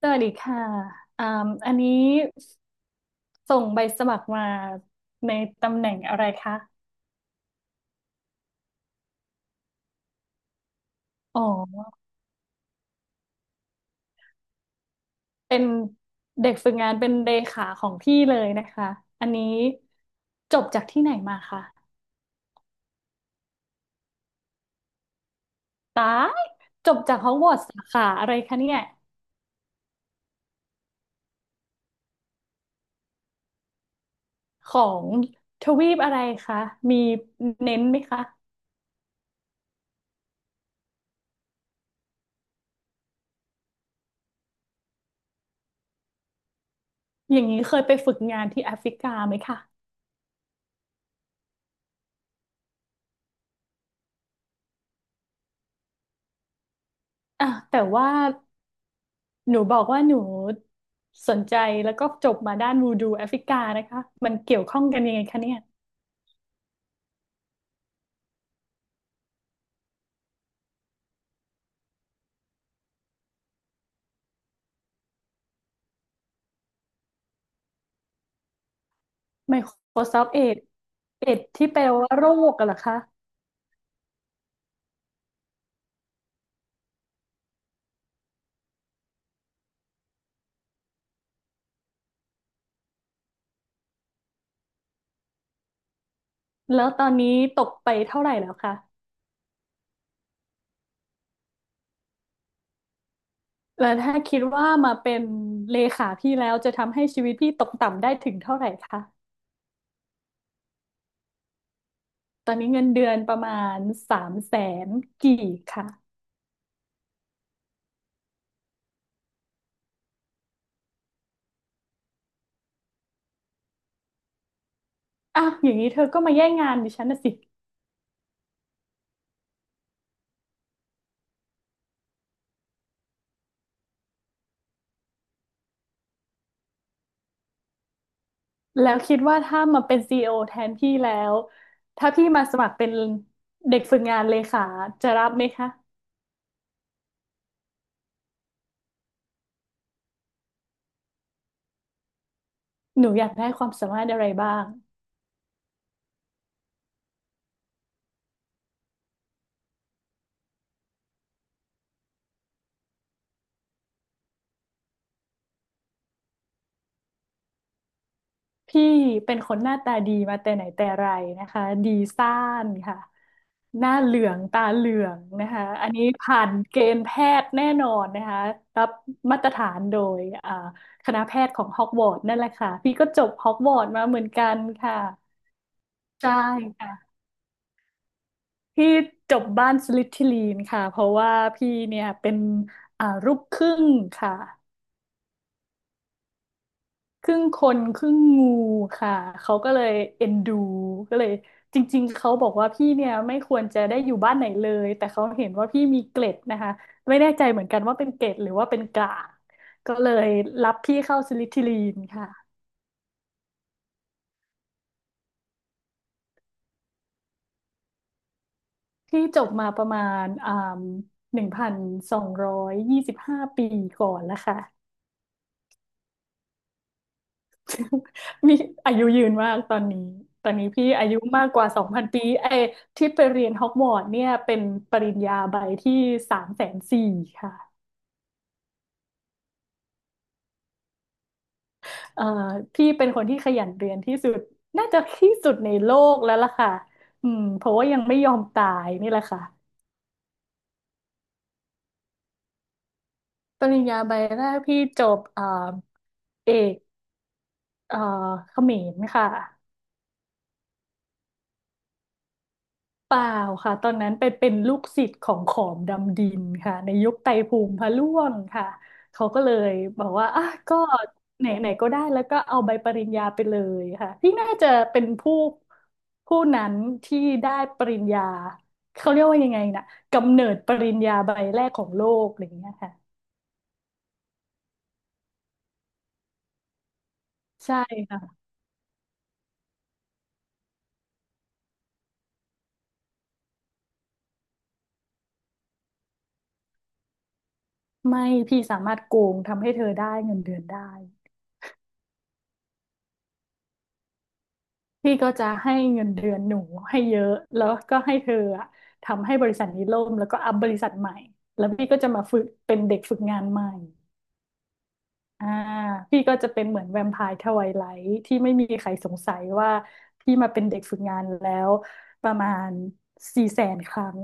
สวัสดีค่ะอ่าอันนี้ส่งใบสมัครมาในตำแหน่งอะไรคะอ๋อเป็นเด็กฝึกงานเป็นเลขาของพี่เลยนะคะอันนี้จบจากที่ไหนมาคะตายจบจากฮอกวอตส์สาขาอะไรคะเนี่ยของทวีปอะไรคะมีเน้นไหมคะอย่างนี้เคยไปฝึกงานที่แอฟริกาไหมคะอ่ะแต่ว่า หนูบอกว่าหนูสนใจแล้วก็จบมาด้านวูดูแอฟริกานะคะมันเกี่ยวข้องกันยังไงคะเนี่ย Microsoft เอดเอดที่แปลว่าโรคกันเหรอคะแล้วตอนนี้ตกไปเท่าไหร่แล้วคะแล้วถ้าคิดว่ามาเป็นเลขาพี่แล้วจะทำให้ชีวิตพี่ตกต่ำได้ถึงเท่าไหร่คะตอนนี้เงินเดือนประมาณสามแสนกี่คะอ้าวอย่างนี้เธอก็มาแย่งงานดิฉันนะสิ แล้วคิดว่าถ้ามาเป็นซีอีโอแทนพี่แล้วถ้าพี่มาสมัครเป็นเด็กฝึกงานเลขาจะรับไหมคะหนูอยากได้ความสามารถอะไรบ้างพี่เป็นคนหน้าตาดีมาแต่ไหนแต่ไรนะคะดีซ่านค่ะหน้าเหลืองตาเหลืองนะคะอันนี้ผ่านเกณฑ์แพทย์แน่นอนนะคะรับมาตรฐานโดยคณะแพทย์ของฮอกวอตส์นั่นแหละค่ะพี่ก็จบฮอกวอตส์มาเหมือนกันค่ะใช่ค่ะ พี่จบบ้านสลิธีรินค่ะเพราะว่าพี่เนี่ยเป็นลูกครึ่งค่ะครึ่งคนครึ่งงูค่ะเขาก็เลยเอ็นดูก็เลยจริงๆเขาบอกว่าพี่เนี่ยไม่ควรจะได้อยู่บ้านไหนเลยแต่เขาเห็นว่าพี่มีเกล็ดนะคะไม่แน่ใจเหมือนกันว่าเป็นเกล็ดหรือว่าเป็นกลางก็เลยรับพี่เข้าสลิธีรินค่ะพี่จบมาประมาณ1,225 ปีก่อนแล้วค่ะ มีอายุยืนมากตอนนี้ตอนนี้พี่อายุมากกว่า2,000 ปีไอ้ที่ไปเรียนฮอกวอตส์เนี่ยเป็นปริญญาใบที่340,000ค่ะเอ่อพี่เป็นคนที่ขยันเรียนที่สุดน่าจะที่สุดในโลกแล้วล่ะค่ะอืมเพราะว่ายังไม่ยอมตายนี่แหละค่ะปริญญาใบแรกพี่จบเอกเอ่อเขมรค่ะ เปล่าค่ะตอนนั้นไปเป็นลูกศิษย์ของขอมดำดินค่ะในยุคไตรภูมิพระร่วงค่ะเขาก็เลยบอกว่าก็ไหนไหนก็ได้แล้วก็เอาใบปริญญาไปเลยค่ะที่น่าจะเป็นผู้นั้นที่ได้ปริญญาเขาเรียกว่ายังไงนะกำเนิดปริญญาใบแรกของโลกอะไรอย่างเงี้ยค่ะใช่ค่ะไม่พี่สามารถโกงทำให้เธอได้เงินเดือนได้ พี่ก็จะให้เงินเดือนหนูให้เยอะแล้วก็ให้เธออะทำให้บริษัทนี้ล่มแล้วก็อัพบริษัทใหม่แล้วพี่ก็จะมาฝึกเป็นเด็กฝึกงานใหม่อ่าพี่ก็จะเป็นเหมือนแวมไพร์ทไวไลท์ที่ไม่มีใครสงสัยว่าพี่มาเป็นเด็กฝึกงานแล้วประมาณ400,000 ครั้ง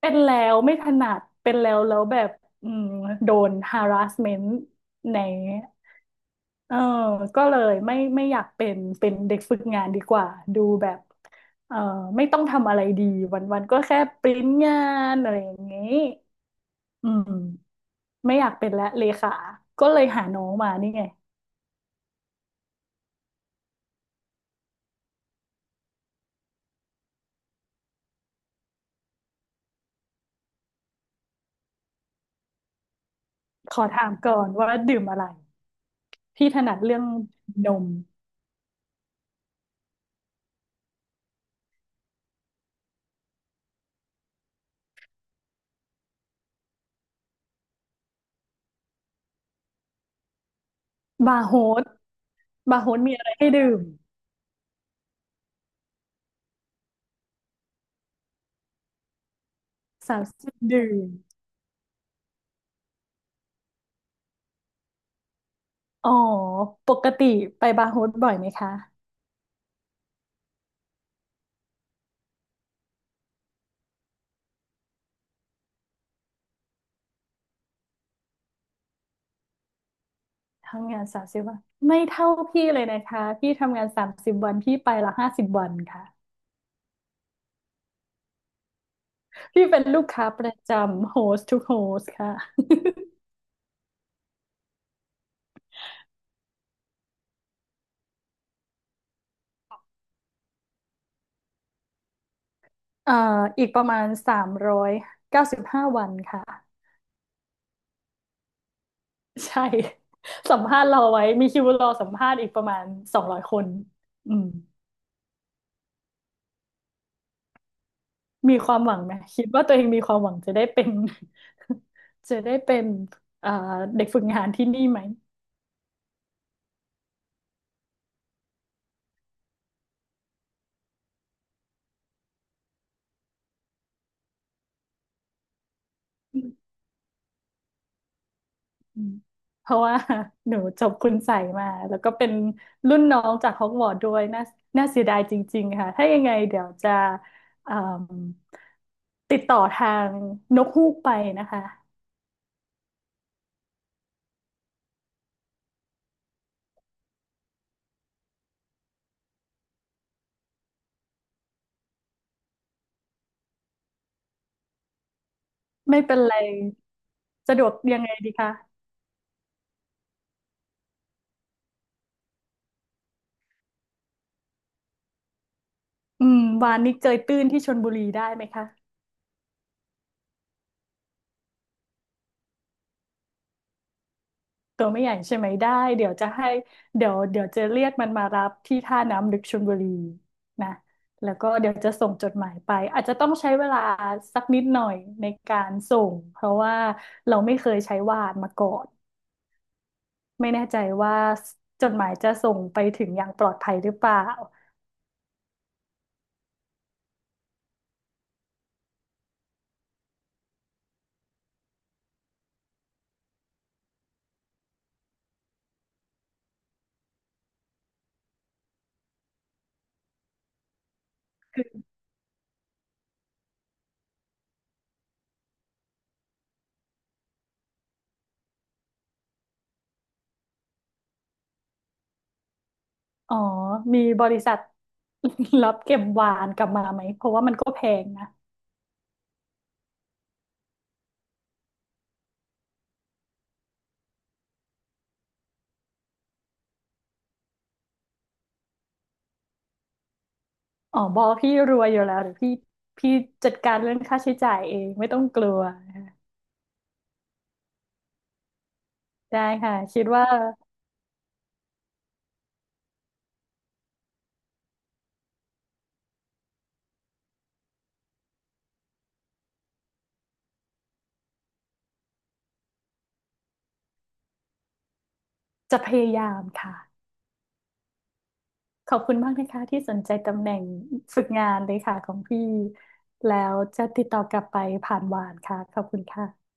เป็นแล้วไม่ถนัดเป็นแล้วแล้วแบบอืมโดน harassment ใน เออก็เลยไม่อยากเป็นเด็กฝึกงานดีกว่าดูแบบเออไม่ต้องทำอะไรดีวันวันก็แค่ปริ้นงานอะไรอย่างงี้อืมไม่อยากเป็นและเลขาก็เลยหาน้องมานี่ไง ขอถามก่อนว่าดื่มอะไรพี่ถนัดเรื่องนมบาร์โฮสบาร์โฮสมีอะไรให้ดื่ม30 ดื่มอ๋อปกติไปบาร์โฮสบ่อยไหมคะ ทำงาน30 วันไม่เท่าพี่เลยนะคะพี่ทำงานสามสิบวันพี่ไปละ50 วันค่ะพี่เป็นลูกค้าประจำ host to host ค่ะเอ่ออีกประมาณ395 วันค่ะใช่ สัมภาษณ์รอไว้มีคิวรอสัมภาษณ์อีกประมาณ200 คนอืมมีความหวังไหมคิดว่าตัวเองมีความหวังจะได้เป็น จะได้เป็นเอ่อเด็กฝึกงานที่นี่ไหม อืมเพราะว่า หนูจบคุณใส่มาแล้วก็เป็นรุ่นน้องจากฮอกวอตส์ด้วยน่าน่าเสียดายจริงๆค่ะถ้ายังไงเดี๋ยวจะเอิ่มติดต่อทางนกฮูกไปนะคะไม่เป็นไรสะดวกยังไงดีคะอืมวานนี้เจยตื้นที่ชลบุรีได้ไหมคะ ตัวไม่ใหญ่ใช่ไหมได้เดี๋ยวจะให้เดี๋ยวจะเรียกมันมารับที่ท่าน้ำลึกชลบุรีนะแล้วก็เดี๋ยวจะส่งจดหมายไปอาจจะต้องใช้เวลาสักนิดหน่อยในการส่งเพราะว่าเราไม่เคยใช้วาดมาก่อนไม่แน่ใจว่าจดหมายจะส่งไปถึงอย่างปลอดภัยหรือเปล่าอ๋อมีบริษัท รับเก็บวานกลับมาไหมเพราะว่ามันก็แพงนะอ๋อบอพี่รวยอยู่แล้วหรือพี่พี่จัดการเรื่องค่าใช้จ่ายเองไม่ต้องกลัว ได้ค่ะคิดว่าจะพยายามค่ะขอบคุณมากนะคะที่สนใจตำแหน่งฝึกงานเลยค่ะของพี่แล้วจะติดต่อกลับไปผ่านวานค่ะขอบคุณค่ะ